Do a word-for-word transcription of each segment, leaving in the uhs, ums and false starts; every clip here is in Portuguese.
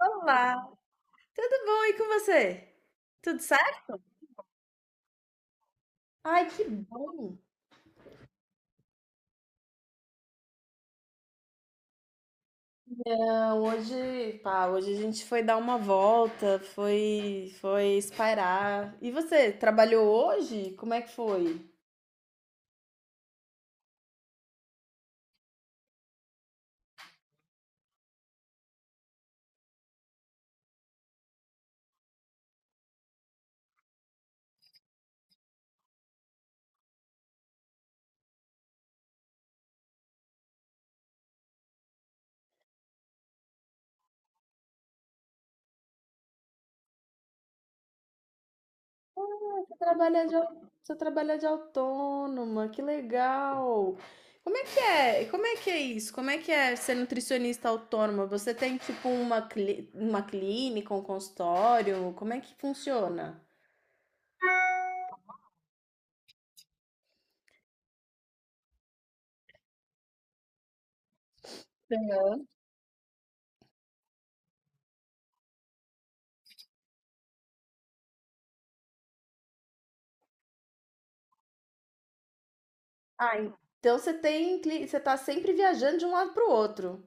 Olá, tudo bom e com você? Tudo certo? Ai, que bom. Não, hoje, pá, hoje a gente foi dar uma volta, foi, foi espairar. E você, trabalhou hoje? Como é que foi? Você trabalha de, au- você trabalha de autônoma, que legal. Como é que é? Como é que é isso? Como é que é ser nutricionista autônoma? Você tem tipo uma, cli- uma clínica, um consultório? Como é que funciona? Ah, então você tem, cli- você tá sempre viajando de um lado pro outro.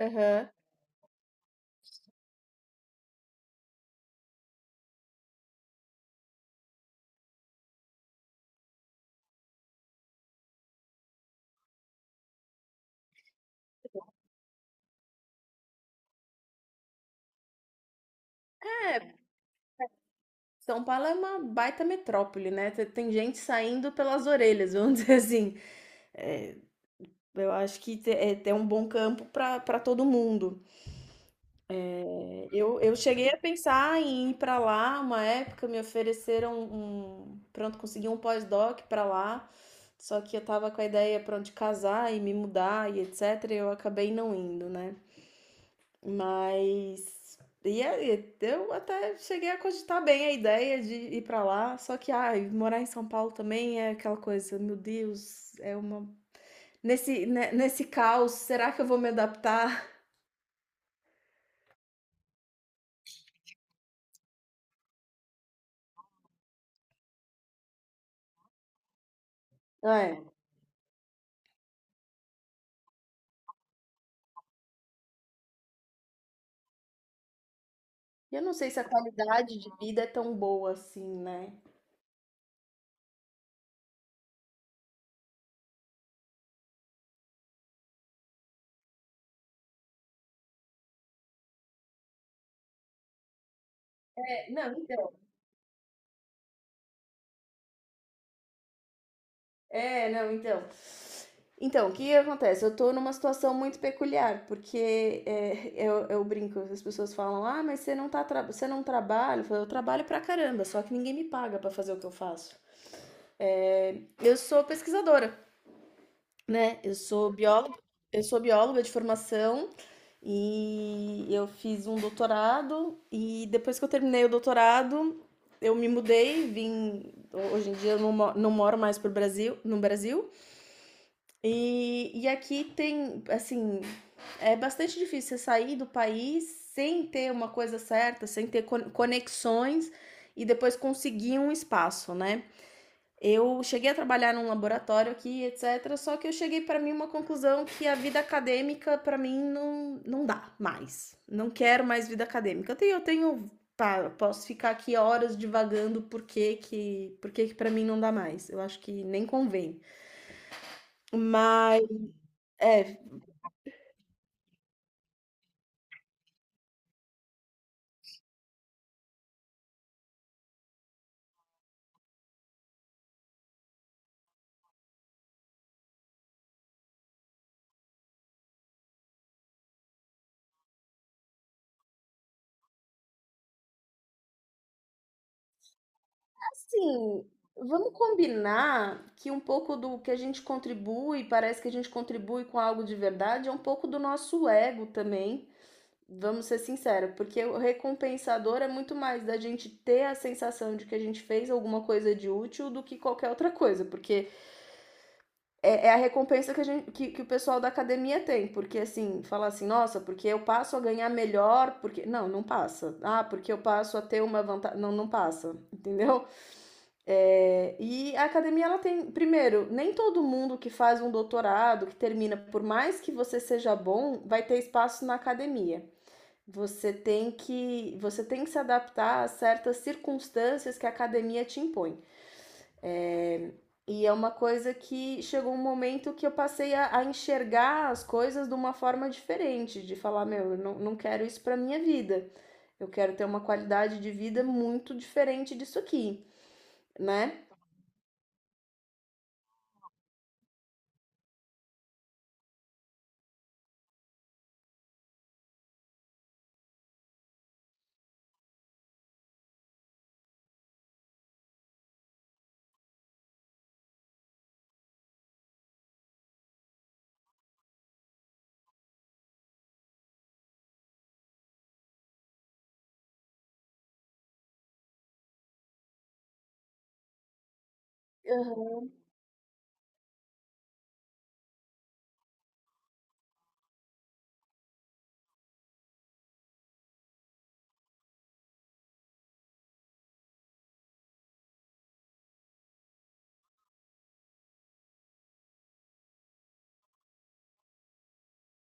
Aham. São Paulo é uma baita metrópole, né? Tem tem gente saindo pelas orelhas, vamos dizer assim. É, eu acho que te- é, tem um bom campo para para todo mundo. É, eu, eu cheguei a pensar em ir para lá uma época, me ofereceram um. Pronto, consegui um pós-doc para lá. Só que eu tava com a ideia, pronto, de casar e me mudar e etcétera. E eu acabei não indo, né? Mas e aí, eu até cheguei a cogitar bem a ideia de ir pra lá, só que ai, morar em São Paulo também é aquela coisa, meu Deus, é uma nesse ne- nesse caos, será que eu vou me adaptar? É. Eu não sei se a qualidade de vida é tão boa assim, né? É, não. É, não, então. Então, o que acontece? Eu tô numa situação muito peculiar, porque é, eu, eu brinco, as pessoas falam, ah, mas você não, tá tra você não trabalha? Eu, falo, eu trabalho pra caramba, só que ninguém me paga pra fazer o que eu faço. Eu sou pesquisadora, né? Eu sou bióloga, eu sou bióloga de formação e eu fiz um doutorado e depois que eu terminei o doutorado, eu me mudei, vim. Hoje em dia eu não, mo- não moro mais pro Brasil, no Brasil. E, e aqui tem, assim, é bastante difícil você sair do país sem ter uma coisa certa, sem ter conexões e depois conseguir um espaço, né? Eu cheguei a trabalhar num laboratório aqui, etcétera. Só que eu cheguei para mim uma conclusão que a vida acadêmica para mim não, não dá mais. Não quero mais vida acadêmica. Eu tenho, eu tenho, pá, eu posso ficar aqui horas divagando por que que, por que que para mim não dá mais. Eu acho que nem convém. Mas é. Assim, vamos combinar que um pouco do que a gente contribui, parece que a gente contribui com algo de verdade, é um pouco do nosso ego também. Vamos ser sinceros, porque o recompensador é muito mais da gente ter a sensação de que a gente fez alguma coisa de útil do que qualquer outra coisa, porque é, é a recompensa que, a gente, que, que o pessoal da academia tem, porque assim, falar assim, nossa, porque eu passo a ganhar melhor, porque. Não, não passa. Ah, porque eu passo a ter uma vantagem. Não, não passa, entendeu? É, e a academia, ela tem, primeiro, nem todo mundo que faz um doutorado, que termina, por mais que você seja bom, vai ter espaço na academia. Você tem que, você tem que se adaptar a certas circunstâncias que a academia te impõe. E é uma coisa que chegou um momento que eu passei a, a enxergar as coisas de uma forma diferente, de falar, meu, eu não, não quero isso para minha vida. Eu quero ter uma qualidade de vida muito diferente disso aqui, né?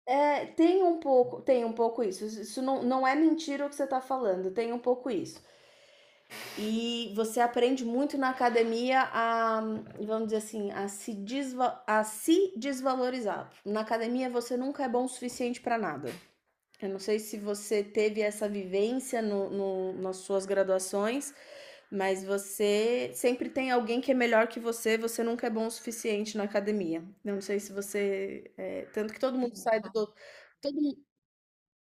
É, tem um pouco, tem um pouco isso. Isso isso não, não é mentira o que você está falando, tem um pouco isso. E você aprende muito na academia a, vamos dizer assim, a se, desva a se desvalorizar. Na academia você nunca é bom o suficiente para nada. Eu não sei se você teve essa vivência no, no- nas suas graduações, mas você sempre tem alguém que é melhor que você, você nunca é bom o suficiente na academia. Eu não sei se você. É, tanto que todo mundo sai do, todo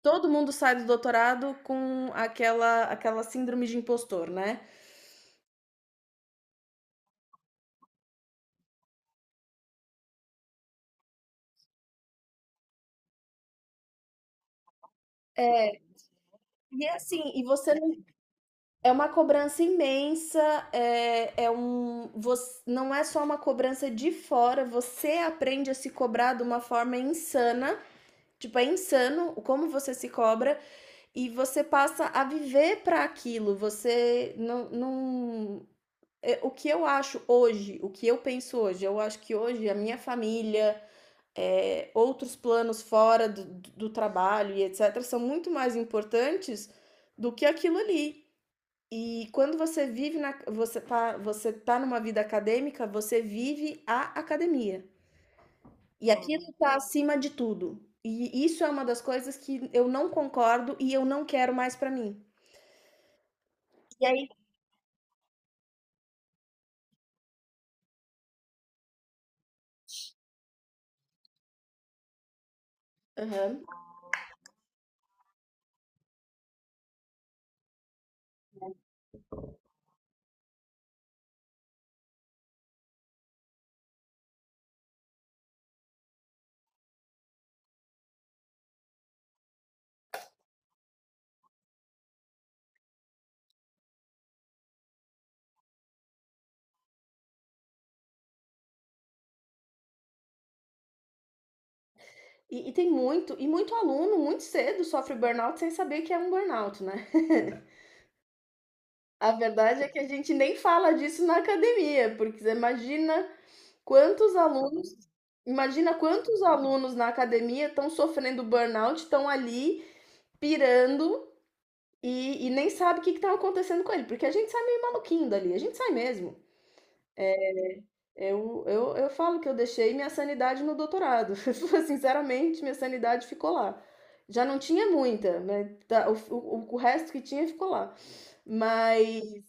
Todo mundo sai do doutorado com aquela aquela síndrome de impostor, né. É, e é assim, e você não é uma cobrança imensa, é é um você não é só uma cobrança de fora, você aprende a se cobrar de uma forma insana, tipo, é insano como você se cobra e você passa a viver para aquilo, você não não eh, o que eu acho hoje, o que eu penso hoje, eu acho que hoje a minha família, é, outros planos fora do, do trabalho e etcétera, são muito mais importantes do que aquilo ali. E quando você vive na, você tá, você tá numa vida acadêmica, você vive a academia. E aquilo está acima de tudo. E isso é uma das coisas que eu não concordo e eu não quero mais para mim. E aí. Aham. E, e tem muito, e muito aluno, muito cedo, sofre burnout sem saber que é um burnout, né? A verdade é que a gente nem fala disso na academia, porque você imagina quantos alunos, imagina quantos alunos na academia estão sofrendo burnout, estão ali pirando e, e nem sabe o que está acontecendo com ele, porque a gente sai meio maluquinho dali, a gente sai mesmo. Eu, eu, eu falo que eu deixei minha sanidade no doutorado. Sinceramente, minha sanidade ficou lá. Já não tinha muita, né? Tá. O, o, o resto que tinha ficou lá. Mas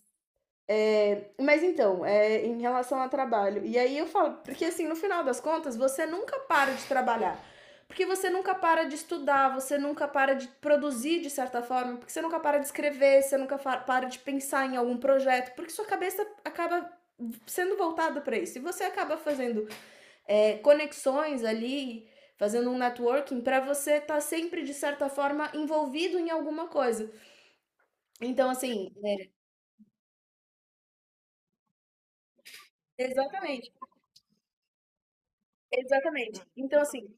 Mas então, é, em relação ao trabalho. E aí eu falo, porque assim, no final das contas, você nunca para de trabalhar. Porque você nunca para de estudar, você nunca para de produzir de certa forma, porque você nunca para de escrever, você nunca para de pensar em algum projeto, porque sua cabeça acaba sendo voltada para isso. E você acaba fazendo é, conexões ali, fazendo um networking para você estar tá sempre, de certa forma, envolvido em alguma coisa. Então, assim, é, exatamente, exatamente. Então, assim,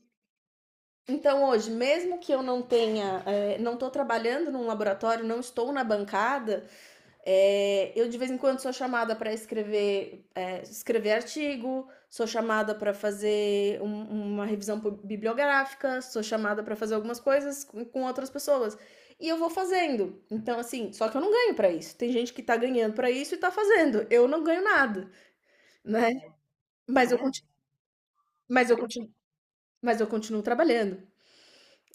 então hoje, mesmo que eu não tenha, é, não estou trabalhando num laboratório, não estou na bancada, é, eu de vez em quando sou chamada para escrever, é, escrever artigo, sou chamada para fazer um- uma revisão bibliográfica, sou chamada para fazer algumas coisas com, com outras pessoas. E eu vou fazendo. Então, assim, só que eu não ganho para isso. Tem gente que tá ganhando para isso e tá fazendo. Eu não ganho nada, né? Mas eu, conti- mas eu, continuo, mas eu continuo trabalhando,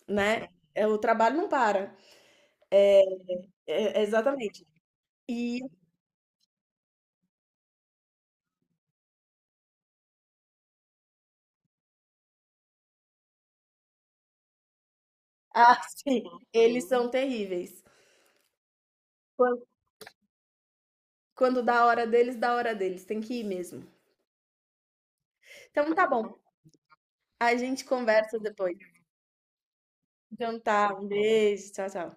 né? É, o trabalho não para. É, exatamente. E ah, sim, eles são terríveis. Quan Quando dá a hora deles, dá a hora deles, tem que ir mesmo. Então tá bom, a gente conversa depois. Então tá, um beijo, tchau, tchau.